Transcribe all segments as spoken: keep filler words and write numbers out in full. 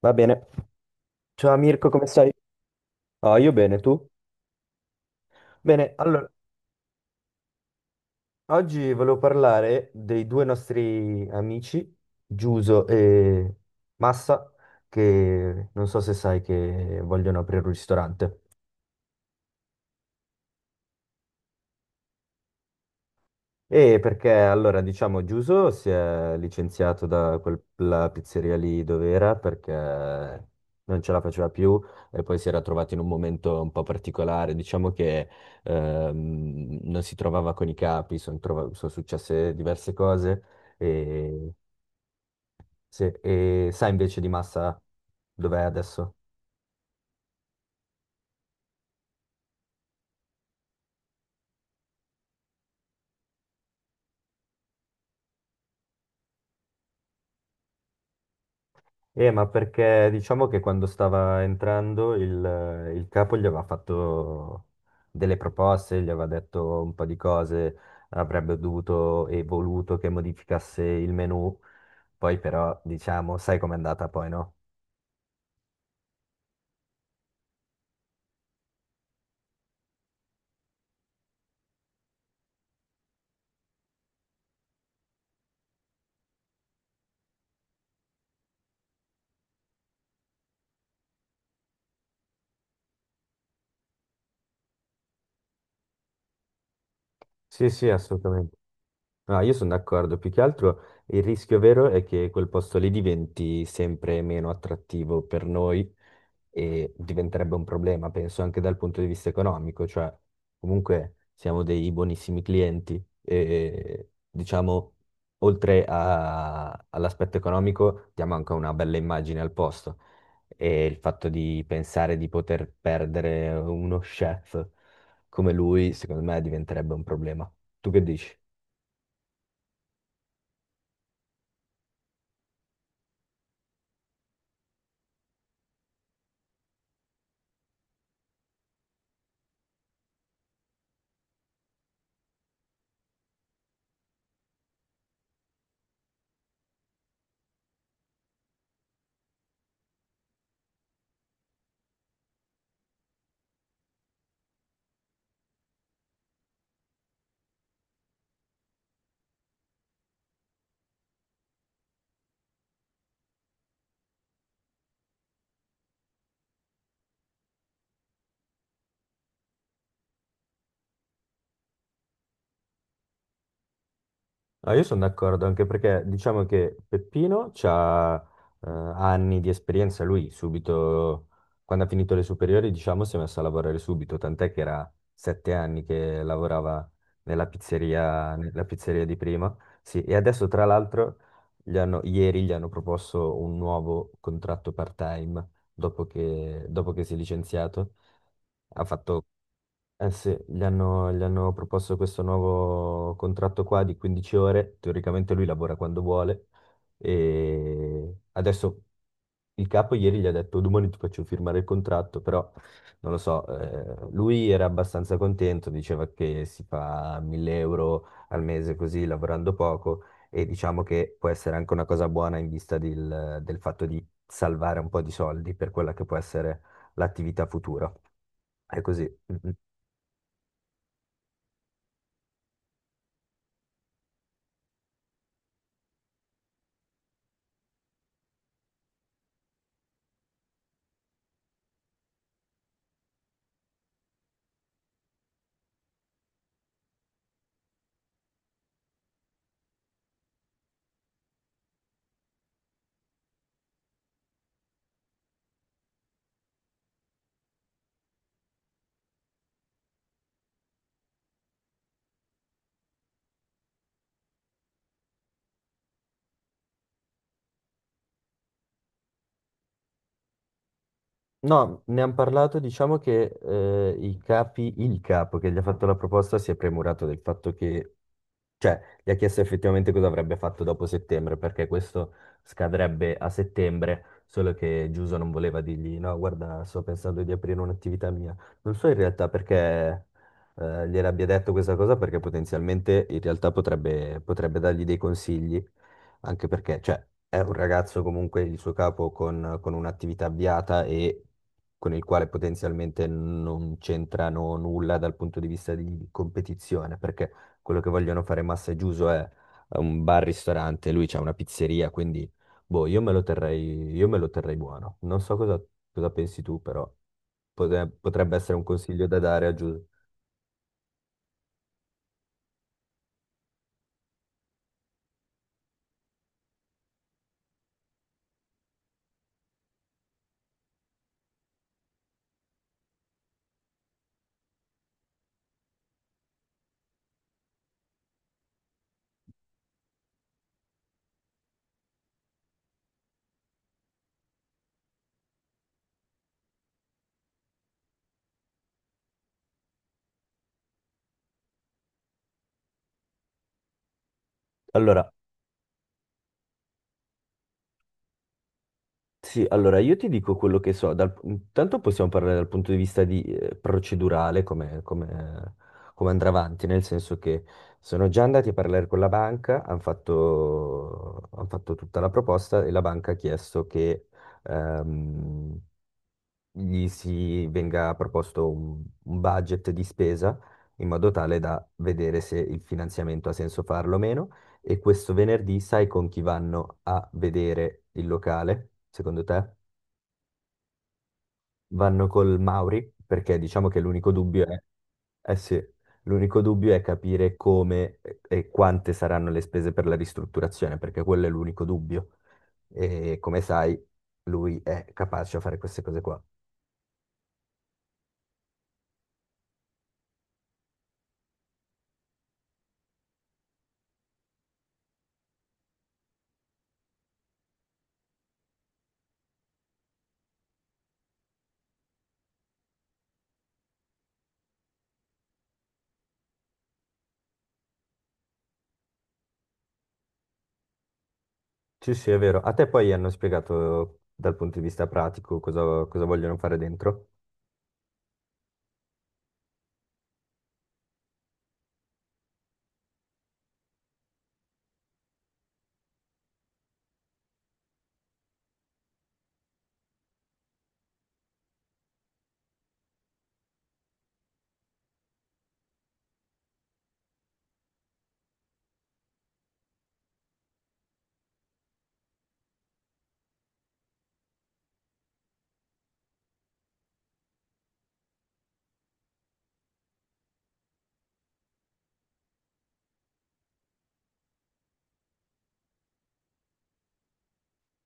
Va bene. Ciao Mirko, come stai? Ah, io bene, tu? Bene, allora, oggi volevo parlare dei due nostri amici, Giuso e Massa, che non so se sai che vogliono aprire un ristorante. E perché allora diciamo Giuso si è licenziato da quella pizzeria lì dove era perché non ce la faceva più e poi si era trovato in un momento un po' particolare, diciamo che ehm, non si trovava con i capi, son trova- sono successe diverse cose e, sì, e sa invece di Massa dov'è adesso? Eh, ma perché diciamo che quando stava entrando il, il capo gli aveva fatto delle proposte, gli aveva detto un po' di cose, avrebbe dovuto e voluto che modificasse il menu, poi però diciamo, sai com'è andata poi, no? Sì, sì, assolutamente. No, io sono d'accordo, più che altro il rischio vero è che quel posto lì diventi sempre meno attrattivo per noi e diventerebbe un problema, penso anche dal punto di vista economico, cioè comunque siamo dei buonissimi clienti e diciamo oltre a- all'aspetto economico diamo anche una bella immagine al posto e il fatto di pensare di poter perdere uno chef come lui secondo me diventerebbe un problema. Tu che dici? No, io sono d'accordo, anche perché diciamo che Peppino ha anni di esperienza, lui subito, quando ha finito le superiori, diciamo, si è messo a lavorare subito, tant'è che era sette anni che lavorava nella pizzeria, nella pizzeria di prima, sì, e adesso tra l'altro gli hanno- ieri gli hanno proposto un nuovo contratto part-time dopo che, dopo che si è licenziato, Ha fatto eh sì, gli hanno, gli hanno proposto questo nuovo contratto qua di quindici ore, teoricamente lui lavora quando vuole e adesso il capo ieri gli ha detto domani ti faccio firmare il contratto, però non lo so, eh, lui era abbastanza contento, diceva che si fa mille euro al mese così lavorando poco e diciamo che può essere anche una cosa buona in vista del del fatto di salvare un po' di soldi per quella che può essere l'attività futura. È così. Mm, mm. No, ne hanno parlato, diciamo che eh, i capi, il capo che gli ha fatto la proposta si è premurato del fatto che cioè, gli ha chiesto effettivamente cosa avrebbe fatto dopo settembre, perché questo scadrebbe a settembre, solo che Giuso non voleva dirgli, no, guarda, sto pensando di aprire un'attività mia. Non so in realtà perché eh, gliel'abbia detto questa cosa, perché potenzialmente in realtà potrebbe, potrebbe dargli dei consigli, anche perché, cioè, è un ragazzo comunque il suo capo con, con un'attività avviata e con il quale potenzialmente non c'entrano nulla dal punto di vista di competizione, perché quello che vogliono fare Massa e Giuso è un bar-ristorante, lui c'ha una pizzeria, quindi boh, io me lo terrei, io me lo terrei buono. Non so cosa, cosa pensi tu, però potre- potrebbe essere un consiglio da dare a Giuso. Allora, sì, allora io ti dico quello che so. Dal, intanto possiamo parlare dal punto di vista di, eh, procedurale, come, come- come andrà avanti, nel senso che sono già andati a parlare con la banca, hanno fatto, han fatto tutta la proposta e la banca ha chiesto che ehm, gli si venga proposto un, un budget di spesa in modo tale da vedere se il finanziamento ha senso farlo o meno. E questo venerdì sai con chi vanno a vedere il locale, secondo te? Vanno col Mauri, perché diciamo che l'unico dubbio è, eh sì, l'unico dubbio è capire come e quante saranno le spese per la ristrutturazione, perché quello è l'unico dubbio. E come sai, lui è capace a fare queste cose qua. Sì, sì, è vero. A te poi hanno spiegato dal punto di vista pratico cosa, cosa vogliono fare dentro?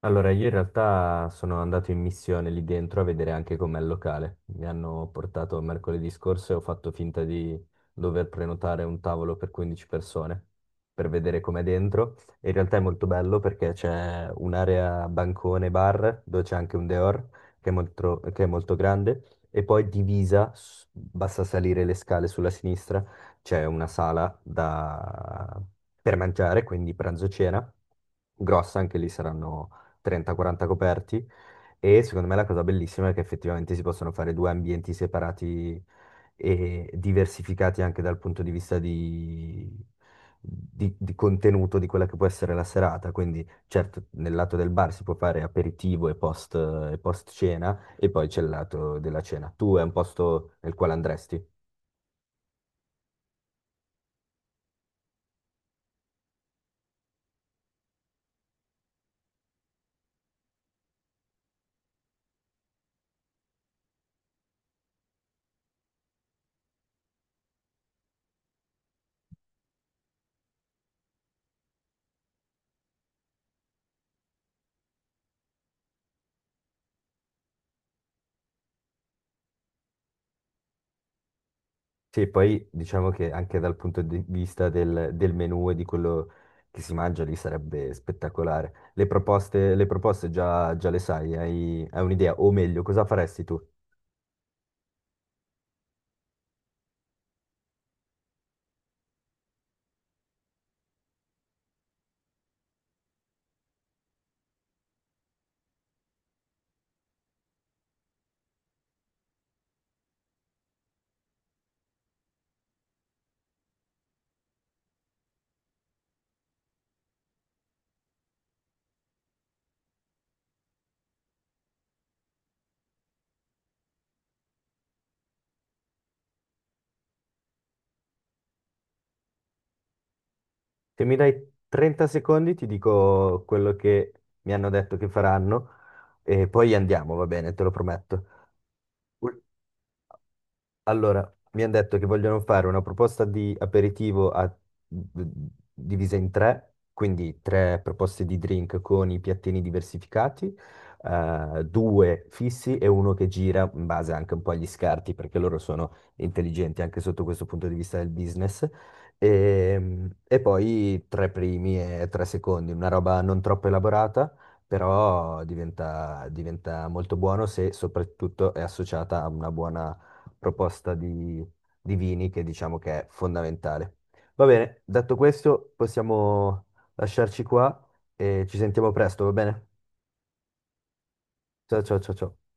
Allora, io in realtà sono andato in missione lì dentro a vedere anche com'è il locale. Mi hanno portato mercoledì scorso e ho fatto finta di dover prenotare un tavolo per quindici persone per vedere com'è dentro. E in realtà è molto bello perché c'è un'area bancone bar dove c'è anche un dehors che è molto, che è molto grande e poi divisa, s- basta salire le scale sulla sinistra, c'è una sala da- per mangiare, quindi pranzo-cena grossa, anche lì saranno trenta quaranta coperti e secondo me la cosa bellissima è che effettivamente si possono fare due ambienti separati e diversificati anche dal punto di vista di, di- di contenuto di quella che può essere la serata. Quindi, certo, nel lato del bar si può fare aperitivo e post, e post cena, e poi c'è il lato della cena. Tu è un posto nel quale andresti? Sì, poi diciamo che anche dal punto di vista del, del menù e di quello che si mangia lì sarebbe spettacolare. Le proposte, le proposte già, già le sai, hai, hai un'idea, o meglio, cosa faresti tu? Se mi dai trenta secondi ti dico quello che mi hanno detto che faranno e poi andiamo, va bene, te lo prometto. Ul- Allora, mi hanno detto che vogliono fare una proposta di aperitivo a- divisa in tre, quindi tre proposte di drink con i piattini diversificati, eh, due fissi e uno che gira in base anche un po' agli scarti, perché loro sono intelligenti anche sotto questo punto di vista del business. E, e poi tre primi e tre secondi, una roba non troppo elaborata, però diventa, diventa molto buono se soprattutto è associata a una buona proposta di, di vini che diciamo che è fondamentale. Va bene, detto questo, possiamo lasciarci qua e ci sentiamo presto, va bene? Ciao ciao ciao ciao.